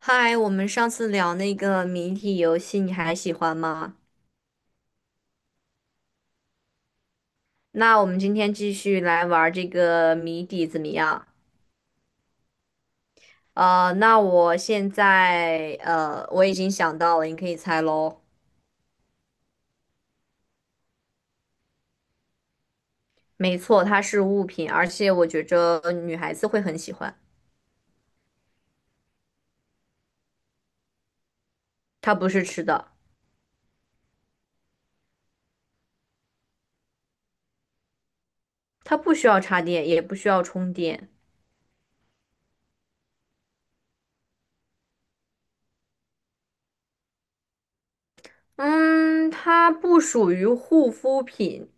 嗨，我们上次聊那个谜底游戏，你还喜欢吗？那我们今天继续来玩儿这个谜底，怎么样？那我现在,我已经想到了，你可以猜喽。没错，它是物品，而且我觉着女孩子会很喜欢。它不是吃的，它不需要插电，也不需要充电。嗯，它不属于护肤品。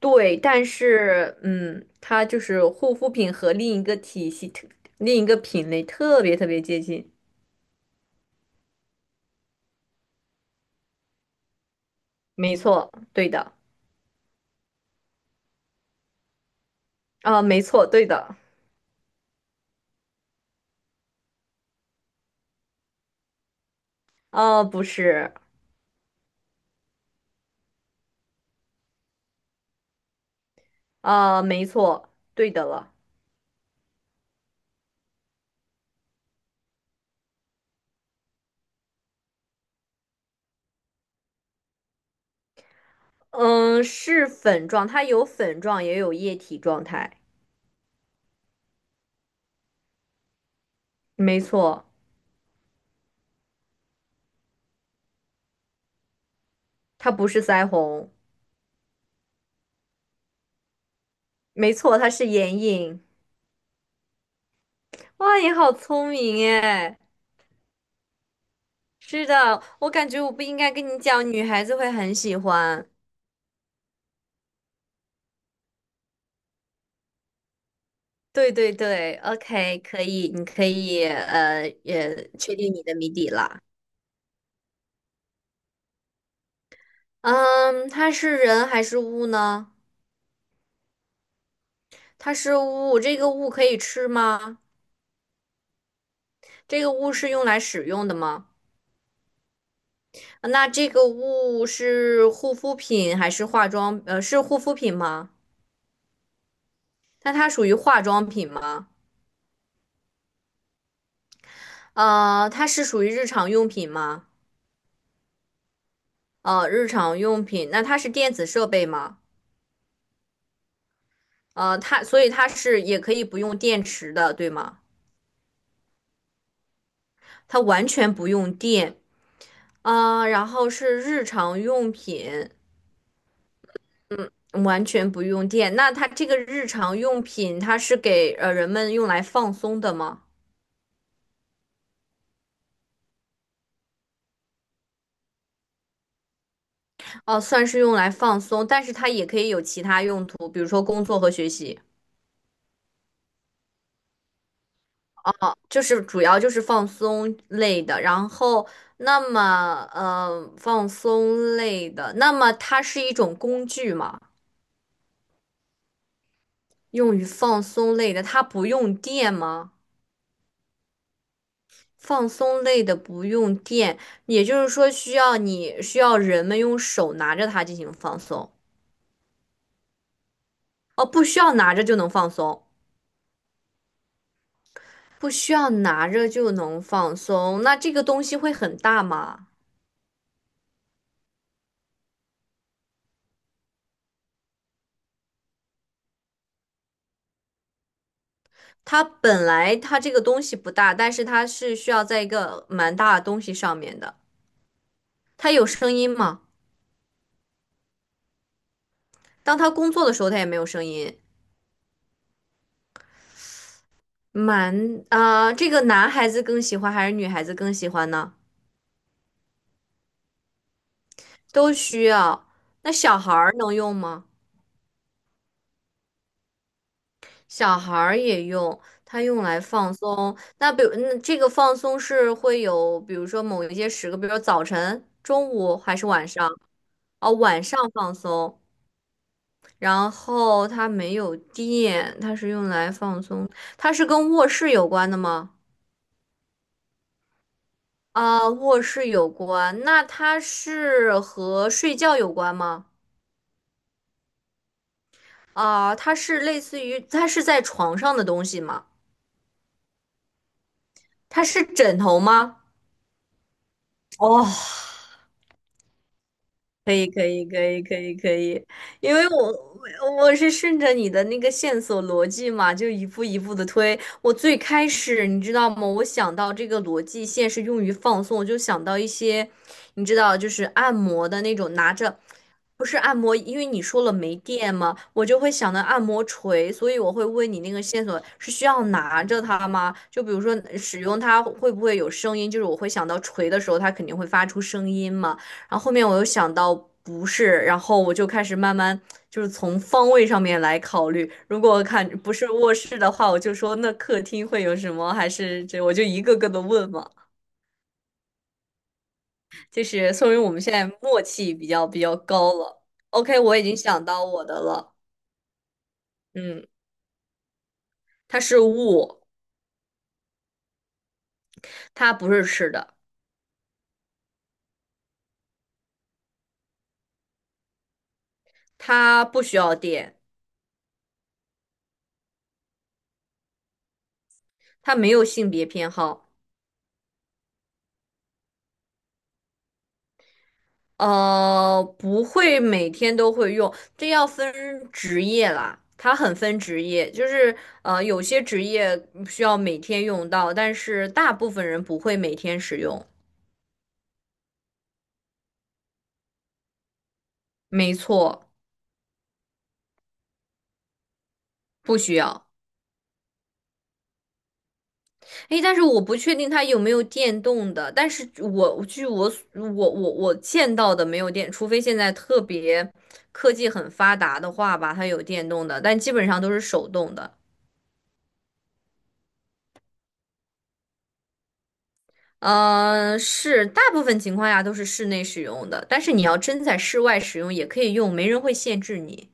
对，但是,它就是护肤品和另一个体系、另一个品类特别接近。没错，对的，没错，对的，不是，没错，对的了，嗯，是粉状，它有粉状也有液体状态，没错，它不是腮红，没错，它是眼影。哇，你好聪明哎！是的，我感觉我不应该跟你讲，女孩子会很喜欢。对对对，OK，可以，你可以也确定你的谜底了。嗯，它是人还是物呢？它是物，这个物可以吃吗？这个物是用来使用的吗？那这个物是护肤品还是化妆？呃，是护肤品吗？那它属于化妆品吗？它是属于日常用品吗？日常用品，那它是电子设备吗？所以它是也可以不用电池的，对吗？它完全不用电，啊，然后是日常用品，完全不用电。那它这个日常用品，它是给人们用来放松的吗？哦，算是用来放松，但是它也可以有其他用途，比如说工作和学习，就是主要就是放松类的。然后，那么,放松类的，那么它是一种工具吗？用于放松类的，它不用电吗？放松类的不用电，也就是说需要人们用手拿着它进行放松。哦，不需要拿着就能放松，不需要拿着就能放松。那这个东西会很大吗？它本来这个东西不大，但是它是需要在一个蛮大的东西上面的。它有声音吗？当它工作的时候，它也没有声音。蛮啊，这个男孩子更喜欢还是女孩子更喜欢呢？都需要。那小孩儿能用吗？小孩儿也用，它用来放松。那比如，那这个放松是会有，比如说某一些时刻，比如说早晨、中午还是晚上？哦，晚上放松。然后它没有电，它是用来放松。它是跟卧室有关的吗？啊，卧室有关。那它是和睡觉有关吗？啊，它是类似于，它是在床上的东西吗？它是枕头吗？哦，可以可以可以可以可以，因为我我是顺着你的那个线索逻辑嘛，就一步一步的推。我最开始你知道吗？我想到这个逻辑线是用于放松，我就想到一些，你知道，就是按摩的那种拿着，不是按摩，因为你说了没电嘛，我就会想到按摩锤，所以我会问你那个线索是需要拿着它吗？就比如说使用它会不会有声音，就是我会想到锤的时候它肯定会发出声音嘛。然后后面我又想到不是，然后我就开始慢慢就是从方位上面来考虑，如果看不是卧室的话，我就说那客厅会有什么，还是这我就一个个的问嘛，就是说明我们现在默契比较高了。OK，我已经想到我的了，嗯，它是物，它不是吃的，它不需要电，它没有性别偏好。不会每天都会用，这要分职业啦。它很分职业，就是,有些职业需要每天用到，但是大部分人不会每天使用。没错，不需要。诶，但是我不确定它有没有电动的，但是我据我所我我我见到的没有电，除非现在特别科技很发达的话吧，它有电动的，但基本上都是手动的。呃，是大部分情况下都是室内使用的，但是你要真在室外使用也可以用，没人会限制你。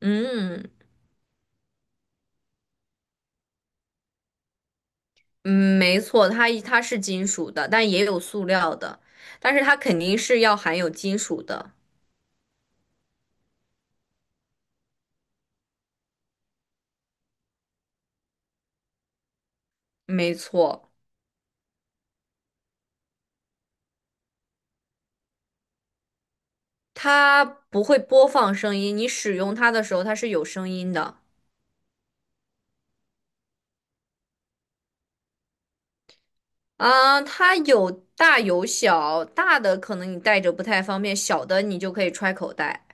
嗯嗯，没错，它是金属的，但也有塑料的，但是它肯定是要含有金属的。没错，它不会播放声音，你使用它的时候它是有声音的。啊，它有大有小，大的可能你带着不太方便，小的你就可以揣口袋。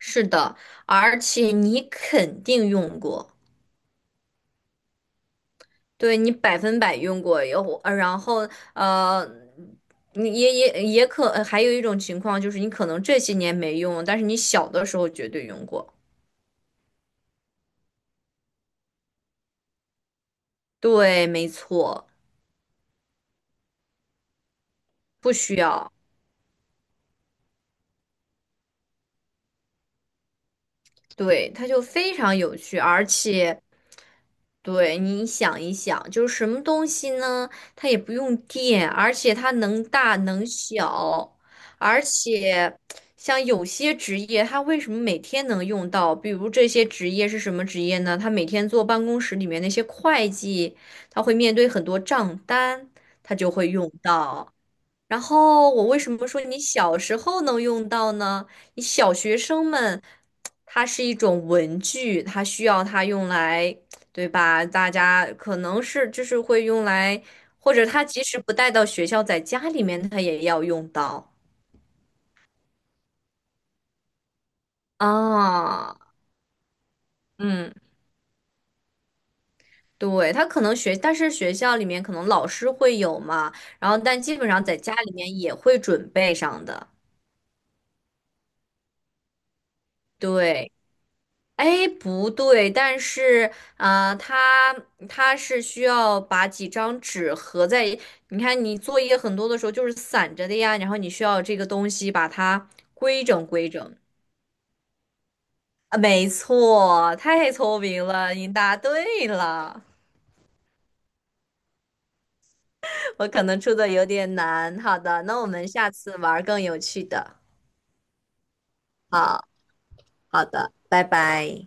是的，而且你肯定用过。对你百分百用过，然后呃，你也可，还有一种情况就是你可能这些年没用，但是你小的时候绝对用过。对，没错，不需要。对，它就非常有趣，而且对，你想一想，就是什么东西呢？它也不用电，而且它能大能小，而且像有些职业，它为什么每天能用到？比如这些职业是什么职业呢？他每天坐办公室里面那些会计，他会面对很多账单，他就会用到。然后我为什么说你小时候能用到呢？你小学生们，它是一种文具，它需要它用来，对吧？大家可能是就是会用来，或者他即使不带到学校，在家里面他也要用到啊。嗯，对，他可能学，但是学校里面可能老师会有嘛，然后但基本上在家里面也会准备上的，对。哎，不对，但是，它它是需要把几张纸合在一你看你作业很多的时候就是散着的呀，然后你需要这个东西把它规整。啊，没错，太聪明了，你答对了。我可能出的有点难，好的，那我们下次玩儿更有趣的。好，好的，拜拜。